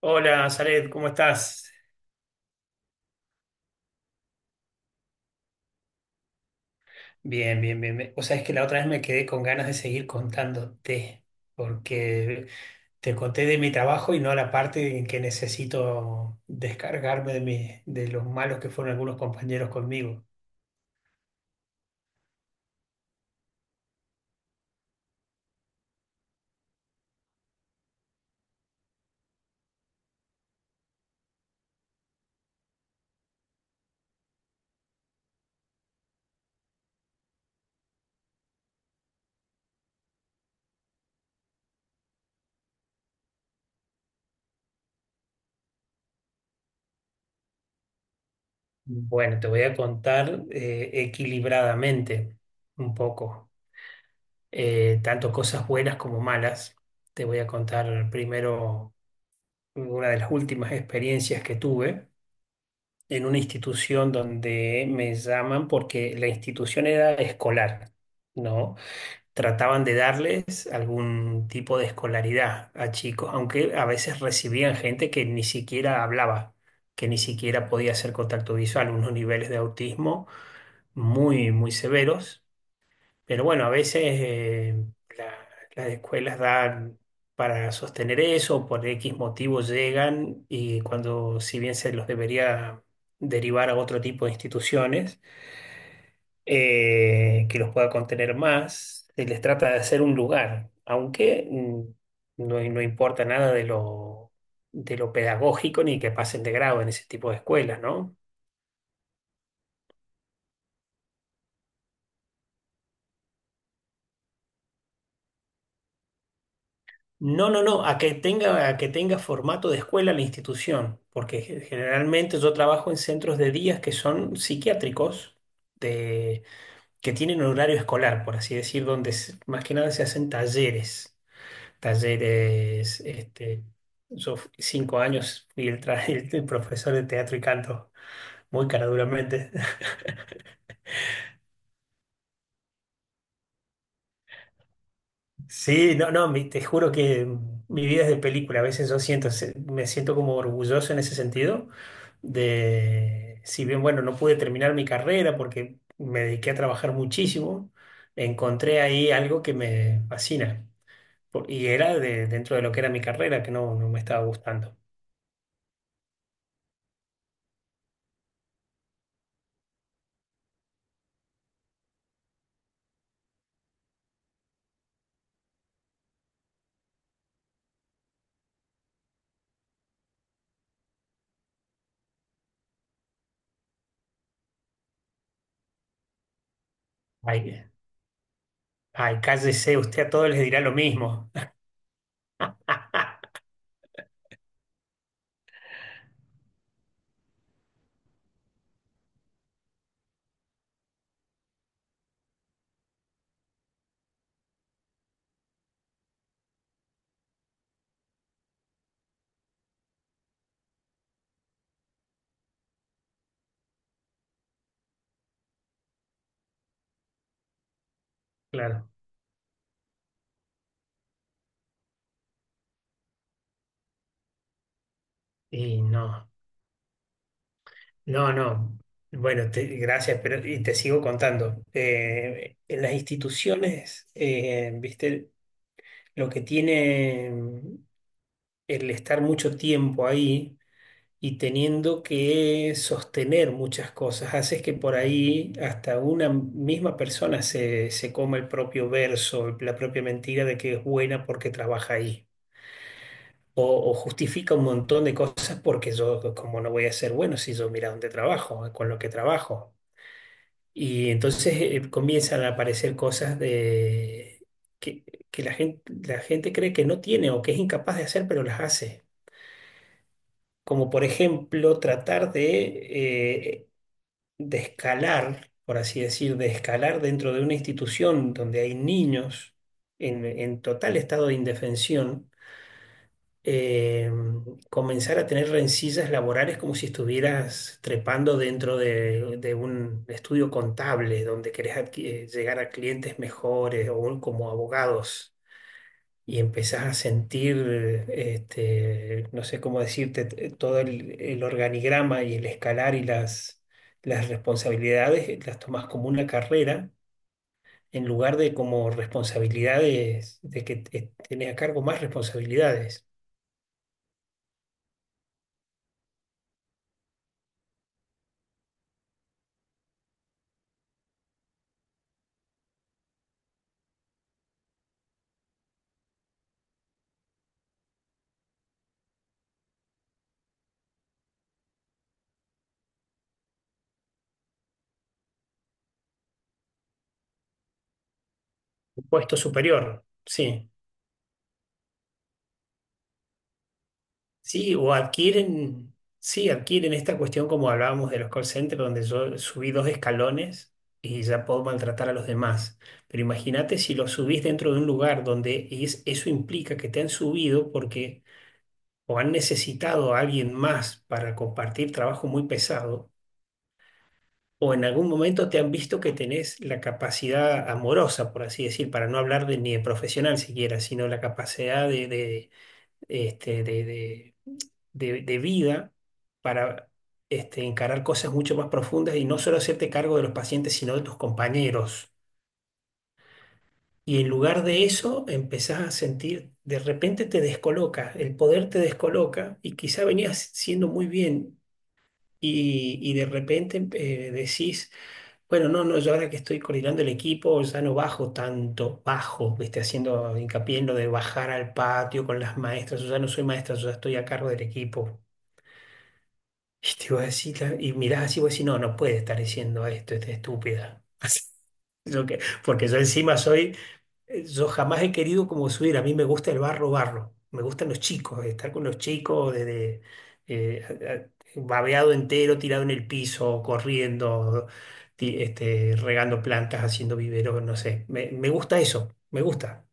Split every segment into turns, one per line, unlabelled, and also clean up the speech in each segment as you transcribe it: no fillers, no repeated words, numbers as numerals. Hola, Zaret, ¿cómo estás? Bien, bien, bien. O sea, es que la otra vez me quedé con ganas de seguir contándote, porque te conté de mi trabajo y no la parte en que necesito descargarme de de los malos que fueron algunos compañeros conmigo. Bueno, te voy a contar equilibradamente un poco, tanto cosas buenas como malas. Te voy a contar primero una de las últimas experiencias que tuve en una institución donde me llaman porque la institución era escolar, ¿no? Trataban de darles algún tipo de escolaridad a chicos, aunque a veces recibían gente que ni siquiera hablaba, que ni siquiera podía hacer contacto visual, unos niveles de autismo muy, muy severos. Pero bueno, a veces la- las escuelas dan para sostener eso, por X motivos llegan y cuando, si bien se los debería derivar a otro tipo de instituciones que los pueda contener más, se les trata de hacer un lugar, aunque no, no importa nada de de lo pedagógico ni que pasen de grado en ese tipo de escuelas, ¿no? No, no, no, a que tenga formato de escuela la institución, porque generalmente yo trabajo en centros de días que son psiquiátricos, de, que tienen horario escolar, por así decir, más que nada se hacen talleres. Talleres, este, 5 años fui el el profesor de teatro y canto, muy caraduramente. Sí, no, no, te juro que mi vida es de película. A veces me siento como orgulloso en ese sentido de, si bien, bueno, no pude terminar mi carrera porque me dediqué a trabajar muchísimo, encontré ahí algo que me fascina. Y era de, dentro de lo que era mi carrera, que no, no me estaba gustando. Ay, ay, cállese, usted a todos les dirá lo mismo. Claro. Y no. No, no. Bueno, gracias, pero y te sigo contando. En las instituciones, viste, lo que tiene el estar mucho tiempo ahí y teniendo que sostener muchas cosas, haces que por ahí hasta una misma persona se, se coma el propio verso, la propia mentira de que es buena porque trabaja ahí. O justifica un montón de cosas porque yo, como no voy a ser bueno si yo mira dónde trabajo, con lo que trabajo. Y entonces comienzan a aparecer cosas de, que, que la gente cree que no tiene o que es incapaz de hacer, pero las hace. Como por ejemplo tratar de escalar, por así decir, de escalar dentro de una institución donde hay niños en total estado de indefensión eh, comenzar a tener rencillas laborales como si estuvieras trepando dentro de un estudio contable donde querés llegar a clientes mejores o como abogados y empezás a sentir, este, no sé cómo decirte, todo el organigrama y el escalar y las responsabilidades las tomás como una carrera. En lugar de como responsabilidades, de que tenés a cargo más responsabilidades. Puesto superior, sí. Sí, o adquieren, sí, adquieren esta cuestión como hablábamos de los call centers, donde yo subí dos escalones y ya puedo maltratar a los demás. Pero imagínate si lo subís dentro de un lugar donde eso implica que te han subido porque o han necesitado a alguien más para compartir trabajo muy pesado, o en algún momento te han visto que tenés la capacidad amorosa, por así decir, para no hablar de, ni de profesional siquiera, sino la capacidad de este, de vida para este, encarar cosas mucho más profundas y no solo hacerte cargo de los pacientes, sino de tus compañeros. Y en lugar de eso, empezás a sentir, de repente te descoloca, el poder te descoloca y quizá venías siendo muy bien y de repente decís, bueno, no, no, yo ahora que estoy coordinando el equipo ya no bajo tanto, bajo, viste, haciendo hincapié en lo de bajar al patio con las maestras, yo ya no soy maestra, yo ya estoy a cargo del equipo. Y te iba a decir, y mirás así, vos decís, no, no puede estar diciendo esto, esta estúpida. Así, yo que- porque yo encima soy, yo jamás he querido como subir, a mí me gusta el barro, barro, me gustan los chicos, estar con los chicos desde eh, babeado entero, tirado en el piso, corriendo, este, regando plantas, haciendo viveros, no sé, me gusta eso, me gusta,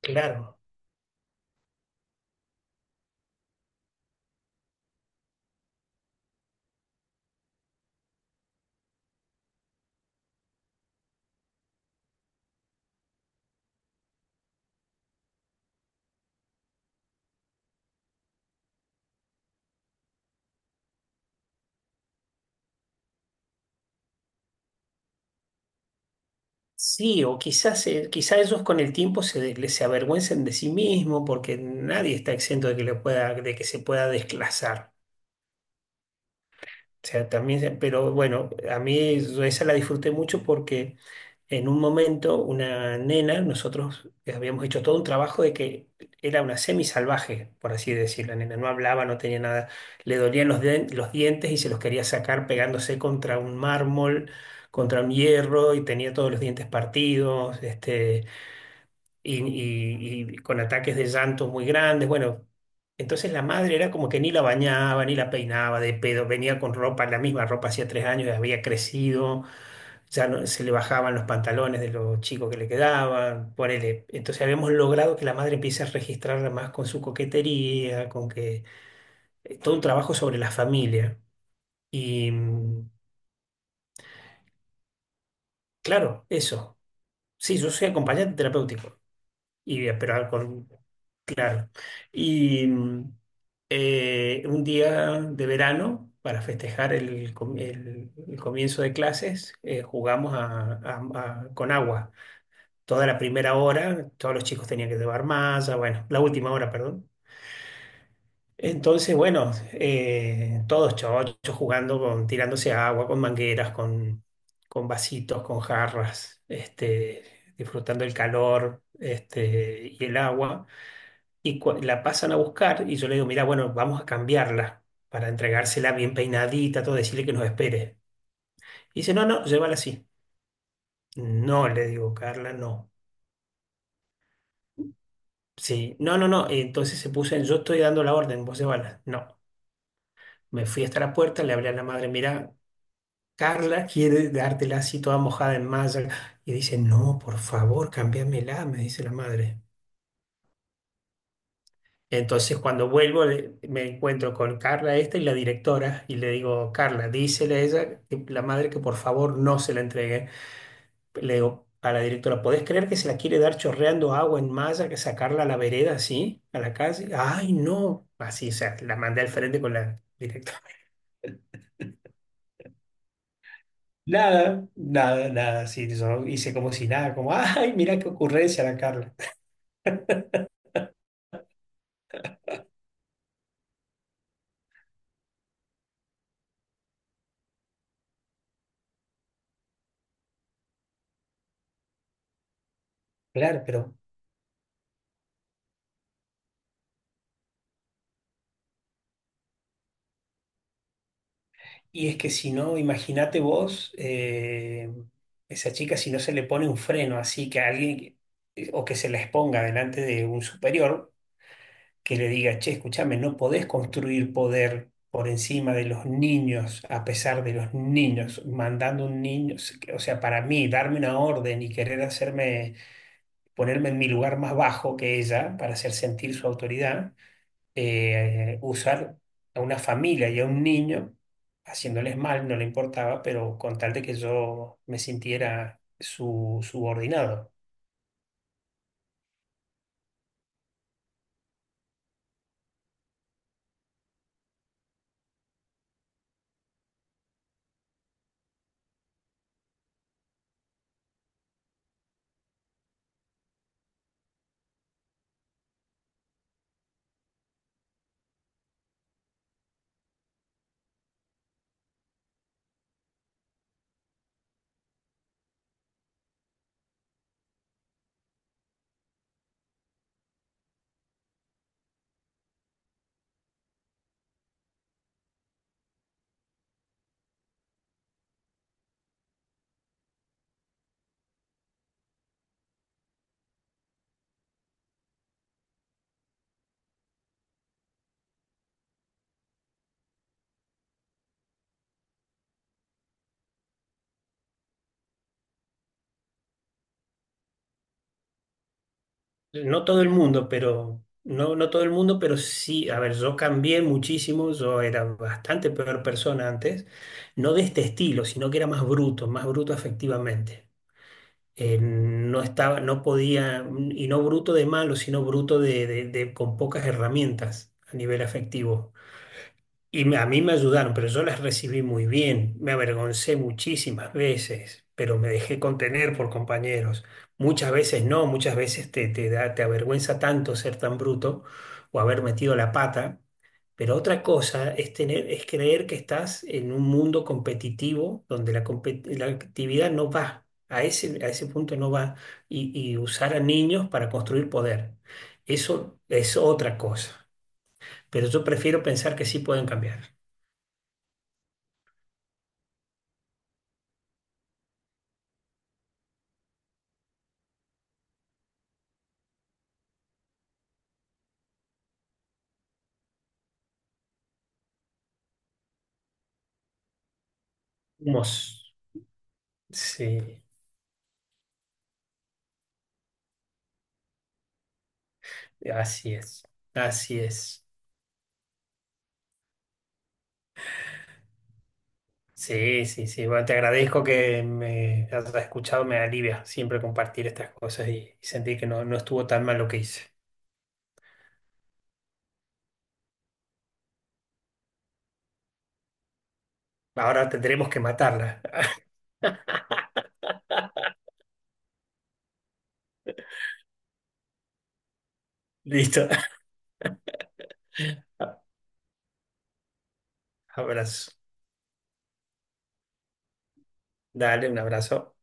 claro. Sí, o quizás, quizás ellos con el tiempo se avergüencen de sí mismos porque nadie está exento de que, le pueda, de que se pueda desclasar. O sea, también, pero bueno, a mí yo esa la disfruté mucho porque en un momento una nena, nosotros habíamos hecho todo un trabajo de que era una semisalvaje, por así decirlo. La nena no hablaba, no tenía nada, le dolían los dientes y se los quería sacar pegándose contra un mármol, contra un hierro y tenía todos los dientes partidos. Este, y con ataques de llanto muy grandes. Bueno, entonces la madre era como que ni la bañaba, ni la peinaba de pedo, venía con ropa, la misma ropa hacía 3 años, y había crecido, ya se le bajaban los pantalones de los chicos que le quedaban, ponele. Entonces habíamos logrado que la madre empiece a registrarla más con su coquetería, con que todo un trabajo sobre la familia. Y claro, eso. Sí, yo soy acompañante terapéutico. Y, pero con, claro. Y un día de verano, para festejar el comienzo de clases, jugamos con agua. Toda la primera hora, todos los chicos tenían que llevar malla, bueno, la última hora, perdón. Entonces, bueno, todos chochos jugando, con, tirándose agua, con mangueras, con vasitos, con jarras, este, disfrutando el calor, este, y el agua. Y la pasan a buscar y yo le digo, mira, bueno, vamos a cambiarla para entregársela bien peinadita, todo, decirle que nos espere. Y dice, no, no, llévala así. No, le digo, Carla, no. Sí, no, no, no. Entonces se puso en, yo estoy dando la orden, vos llévala. No. Me fui hasta la puerta, le hablé a la madre, mira, Carla quiere dártela así toda mojada en malla. Y dice, no, por favor, cámbiamela, me dice la madre. Entonces, cuando vuelvo, me encuentro con Carla esta y la directora, y le digo, Carla, dísele a ella, la madre, que por favor no se la entregue. Le digo a la directora, ¿podés creer que se la quiere dar chorreando agua en malla, que sacarla a la vereda así, a la calle? Ay, no. Así, o sea, la mandé al frente con la directora. Nada, nada, nada, sí, yo hice como si nada, como, ay, mira qué ocurrencia la Carla. Claro, pero y es que si no, imagínate vos, esa chica, si no se le pone un freno así que alguien, o que se la exponga delante de un superior, que le diga, che, escúchame, no podés construir poder por encima de los niños, a pesar de los niños, mandando un niño, o sea, para mí, darme una orden y querer hacerme, ponerme en mi lugar más bajo que ella para hacer sentir su autoridad usar a una familia y a un niño, haciéndoles mal, no le importaba, pero con tal de que yo me sintiera su subordinado. No todo el mundo, pero no, no todo el mundo, pero sí, a ver, yo cambié muchísimo, yo era bastante peor persona antes, no de este estilo, sino que era más bruto afectivamente. No estaba, no podía, y no bruto de malo, sino bruto de con pocas herramientas a nivel afectivo. Y a mí me ayudaron, pero yo las recibí muy bien. Me avergoncé muchísimas veces, pero me dejé contener por compañeros. Muchas veces no, muchas veces te, te da, te avergüenza tanto ser tan bruto o haber metido la pata. Pero otra cosa es tener, es creer que estás en un mundo competitivo donde la actividad no va, a ese punto no va, y usar a niños para construir poder. Eso es otra cosa. Pero yo prefiero pensar que sí pueden cambiar. Humos. Sí, así es. Así es. Sí, sí, sí. Bueno, te agradezco que me hayas escuchado, me alivia siempre compartir estas cosas y sentir que no, no estuvo tan mal lo que hice. Ahora tendremos que matarla. Listo. Abrazo. Dale, un abrazo.